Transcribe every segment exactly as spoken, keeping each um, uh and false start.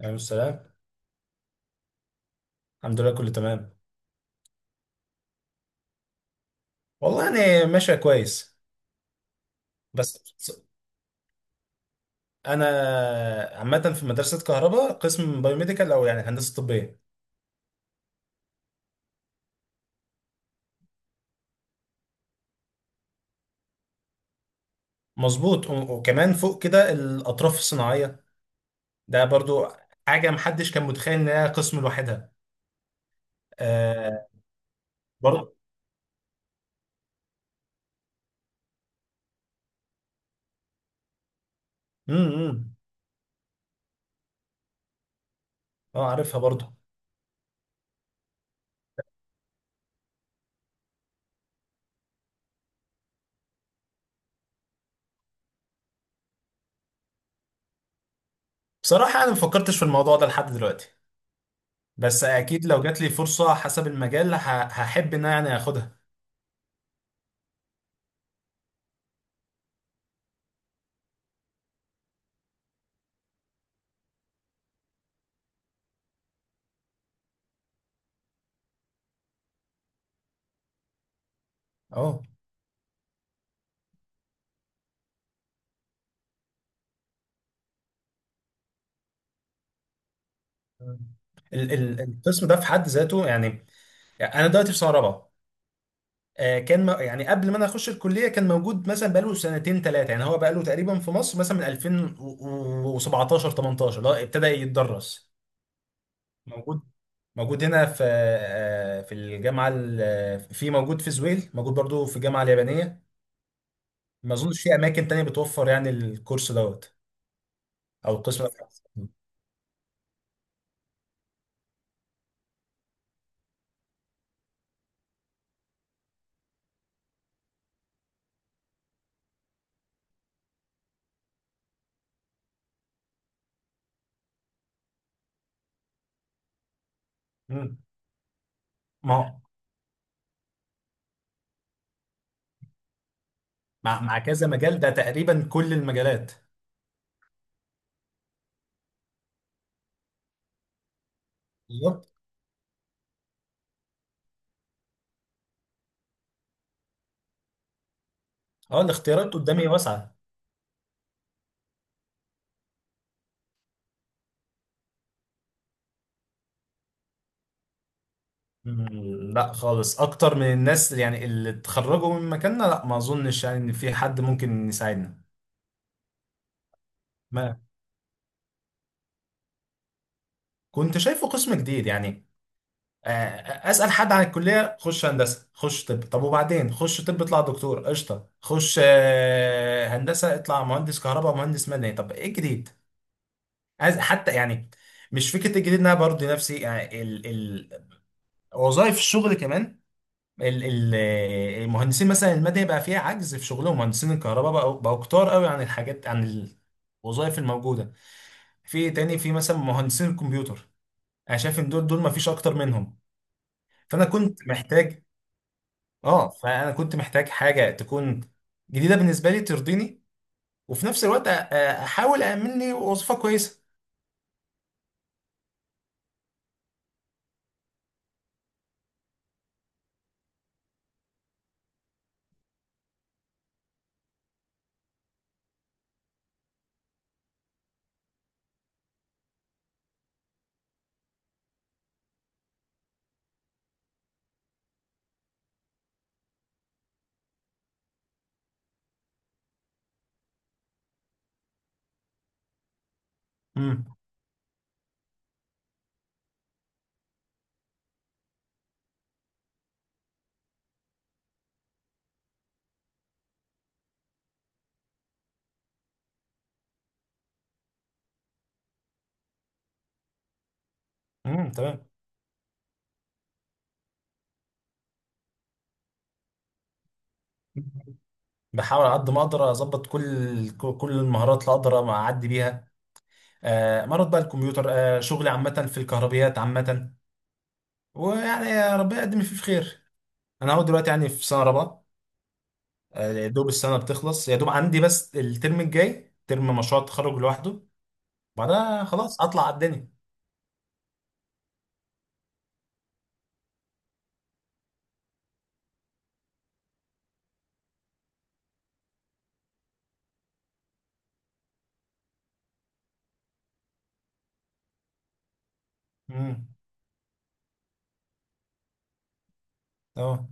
عليكم السلام. الحمد لله، كله تمام. والله يعني ماشية كويس. بس. أنا. عامة في مدرسة كهرباء، قسم بايوميديكال، أو يعني هندسة طبية. مظبوط، و- وكمان فوق كده الأطراف الصناعية. ده برضو حاجة محدش كان متخيل إنها قسم لوحدها. آه. برضو. امم اه، عارفها برضو. بصراحة أنا مفكرتش في الموضوع ده لحد دلوقتي. بس أكيد لو جات لي فرصة حسب المجال ه- هحب إن أنا يعني آخدها. اه. ال- ال- القسم ده في حد ذاته، يعني يعني انا دلوقتي في سنه رابعه. آه، كان م- يعني قبل ما انا اخش الكليه كان موجود مثلا بقاله سنتين ثلاثه، يعني هو بقاله تقريبا في مصر مثلا من ألفين وسبعتاشر تمنتاشر اللي هو ابتدى يتدرس. موجود موجود هنا في آه، في الجامعه ال- في، موجود في زويل، موجود برضو في الجامعه اليابانيه. ما اظنش في اماكن تانية بتوفر يعني الكورس دوت او القسم ده. مم. ما هو- مع مع كذا مجال، ده تقريبا كل المجالات. بالظبط. اه الاختيارات قدامي واسعه. مم، لا خالص، اكتر من الناس يعني اللي اتخرجوا من مكاننا، لا ما اظنش يعني ان في حد ممكن يساعدنا. ما كنت شايفه قسم جديد يعني. آه، اسال حد عن الكليه، خش هندسه خش طب، طب وبعدين خش طب اطلع دكتور قشطه، خش آه، هندسه اطلع مهندس كهرباء مهندس مدني، طب ايه الجديد؟ عايز حتى يعني مش فكره الجديد، إن انا برضه نفسي يعني ال ال وظائف الشغل كمان. ال- ال- المهندسين مثلا المادة بقى فيها عجز في شغلهم، مهندسين الكهرباء بقوا بقوا كتار قوي عن الحاجات، عن الوظائف الموجودة. في تاني في مثلا مهندسين الكمبيوتر، انا شايف ان دول دول ما فيش اكتر منهم. فانا كنت محتاج. اه فانا كنت محتاج حاجة تكون جديدة بالنسبة لي ترضيني، وفي نفس الوقت أ- أ- احاول أأمن لي وظيفة كويسة. امم. امم، تمام. بحاول على قد ما اقدر اظبط كل كل المهارات اللي اقدر اعدي بيها. آه، مرض بقى الكمبيوتر، آه، شغل عامة في الكهربيات عامة. ويعني يا ربنا يقدم اللي فيه في خير. أنا أهو دلوقتي يعني في سنة رابعة. آه، يا دوب السنة بتخلص، يا دوب عندي بس الترم الجاي ترم مشروع التخرج لوحده. بعدها خلاص أطلع على الدنيا. امم. أه.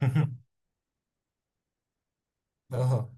أه.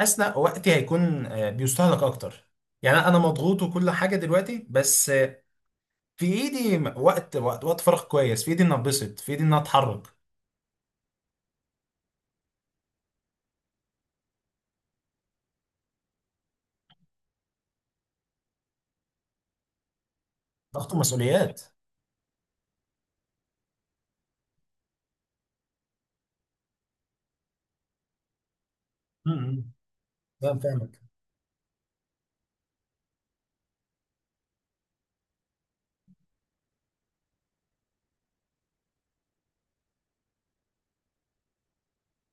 حاسس إن وقتي هيكون آه، بيستهلك أكتر. يعني أنا مضغوط وكل حاجة دلوقتي، بس آه، في إيدي وقت وقت وقت فراغ كويس، في إيدي إن أتبسط، في إيدي إن أتحرك. ضغط ومسؤوليات. امم، فاهم فاهمك.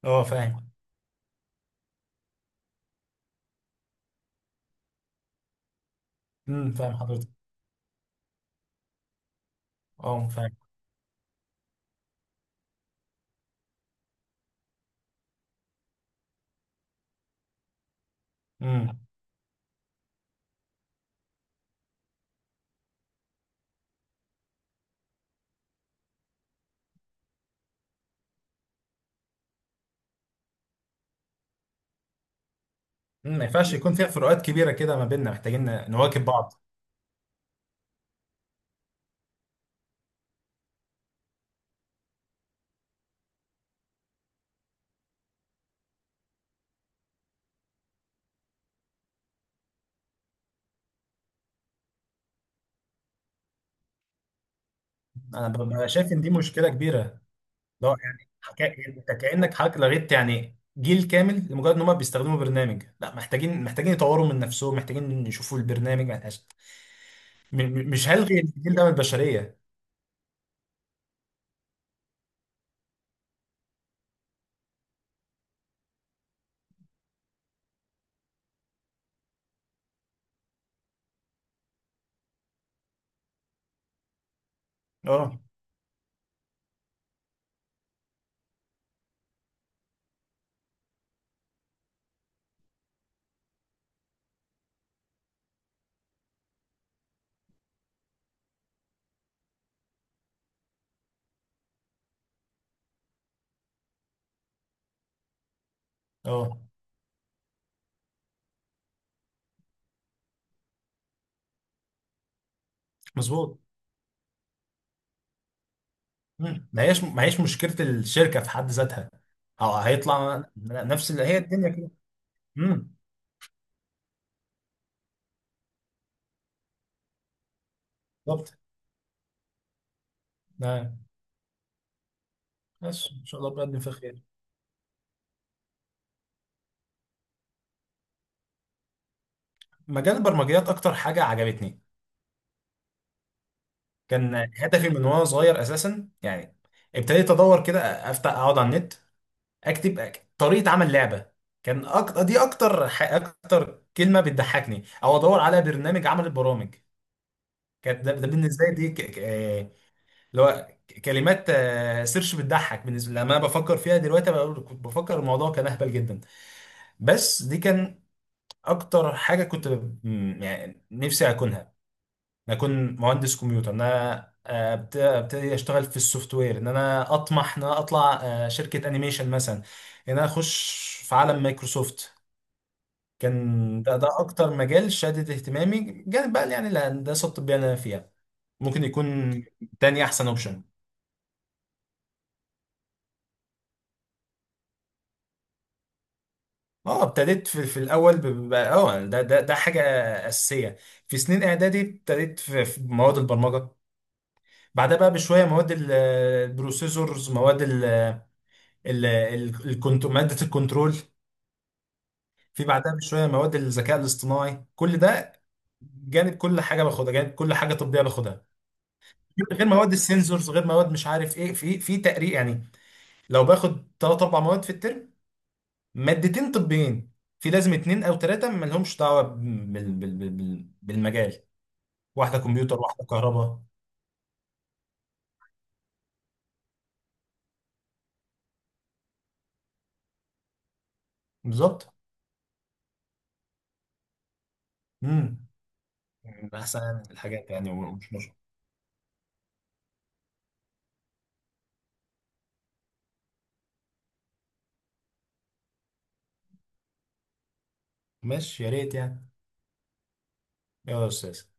اه فاهم. امم، فاهم حضرتك. اه فاهم. امم. أمم، ما ينفعش يكون فيها فروقات كبيره كده، ما بيننا محتاجين نواكب بعض. انا ببقى شايف ان دي مشكله كبيره. لا يعني حكا... انت كانك حضرتك لغيت يعني جيل كامل لمجرد ان هم بيستخدموا برنامج، لا محتاجين محتاجين يطوروا من نفسهم، محتاجين يشوفوا البرنامج محتاج... م... م- مش هلغي الجيل ده من البشريه. اه. اه مظبوط. أمم، ما هيش ما هيش مشكله الشركه في حد ذاتها، أو هيطلع نفس اللي هي الدنيا كده. امم. بالظبط. بس ان شاء الله بقدم في خير. مجال البرمجيات اكتر حاجه عجبتني. كان هدفي من وانا صغير اساسا، يعني ابتديت ادور كده، افتح اقعد على النت، اكتب أك- طريقه عمل لعبه. كان أكتر دي اكتر ح... اكتر كلمه بتضحكني، او ادور على برنامج عمل البرامج. كانت ده, ده بالنسبه لي دي ك... ك... آه، اللي هو ك- كلمات آه، سيرش بتضحك بالنسبه لي. لما انا بفكر فيها دلوقتي بقول- كنت بفكر الموضوع كان اهبل جدا. بس دي كان اكتر حاجه كنت ب- م- يعني نفسي اكونها. أنا أكون مهندس كمبيوتر، إن أنا آه، أبت- أبتدي أشتغل في السوفت وير، إن أنا أطمح إن أنا أطلع آه، شركة أنيميشن مثلا، إن أنا أخش في عالم مايكروسوفت. كان ده ده أكتر مجال شادد اهتمامي جانب بقى يعني الهندسة الطبية اللي أنا فيها. ممكن يكون تاني احسن اوبشن. اه ابتديت في, في الاول ب- ب- اه ده, ده ده حاجه اساسيه. في سنين اعدادي ابتديت في, في مواد البرمجه. بعدها بقى بشويه مواد ال- البروسيسورز، مواد ال ال الكنت، مادة الكنترول. في بعدها بشوية مواد الذكاء الاصطناعي، كل ده جانب كل حاجة باخدها، جانب كل حاجة طبية باخدها. غير مواد السنسورز، غير مواد مش عارف ايه، في في تقريب يعني. لو باخد ثلاث اربع مواد في الترم، مادتين طبيين، في لازم اتنين او ثلاثة مالهمش دعوة بال بال بال بال بالمجال، واحدة كمبيوتر واحدة كهرباء. بالظبط. امم. احسن الحاجات يعني، ومش مش-. ماشي يا ريت يعني. يلا يا استاذ.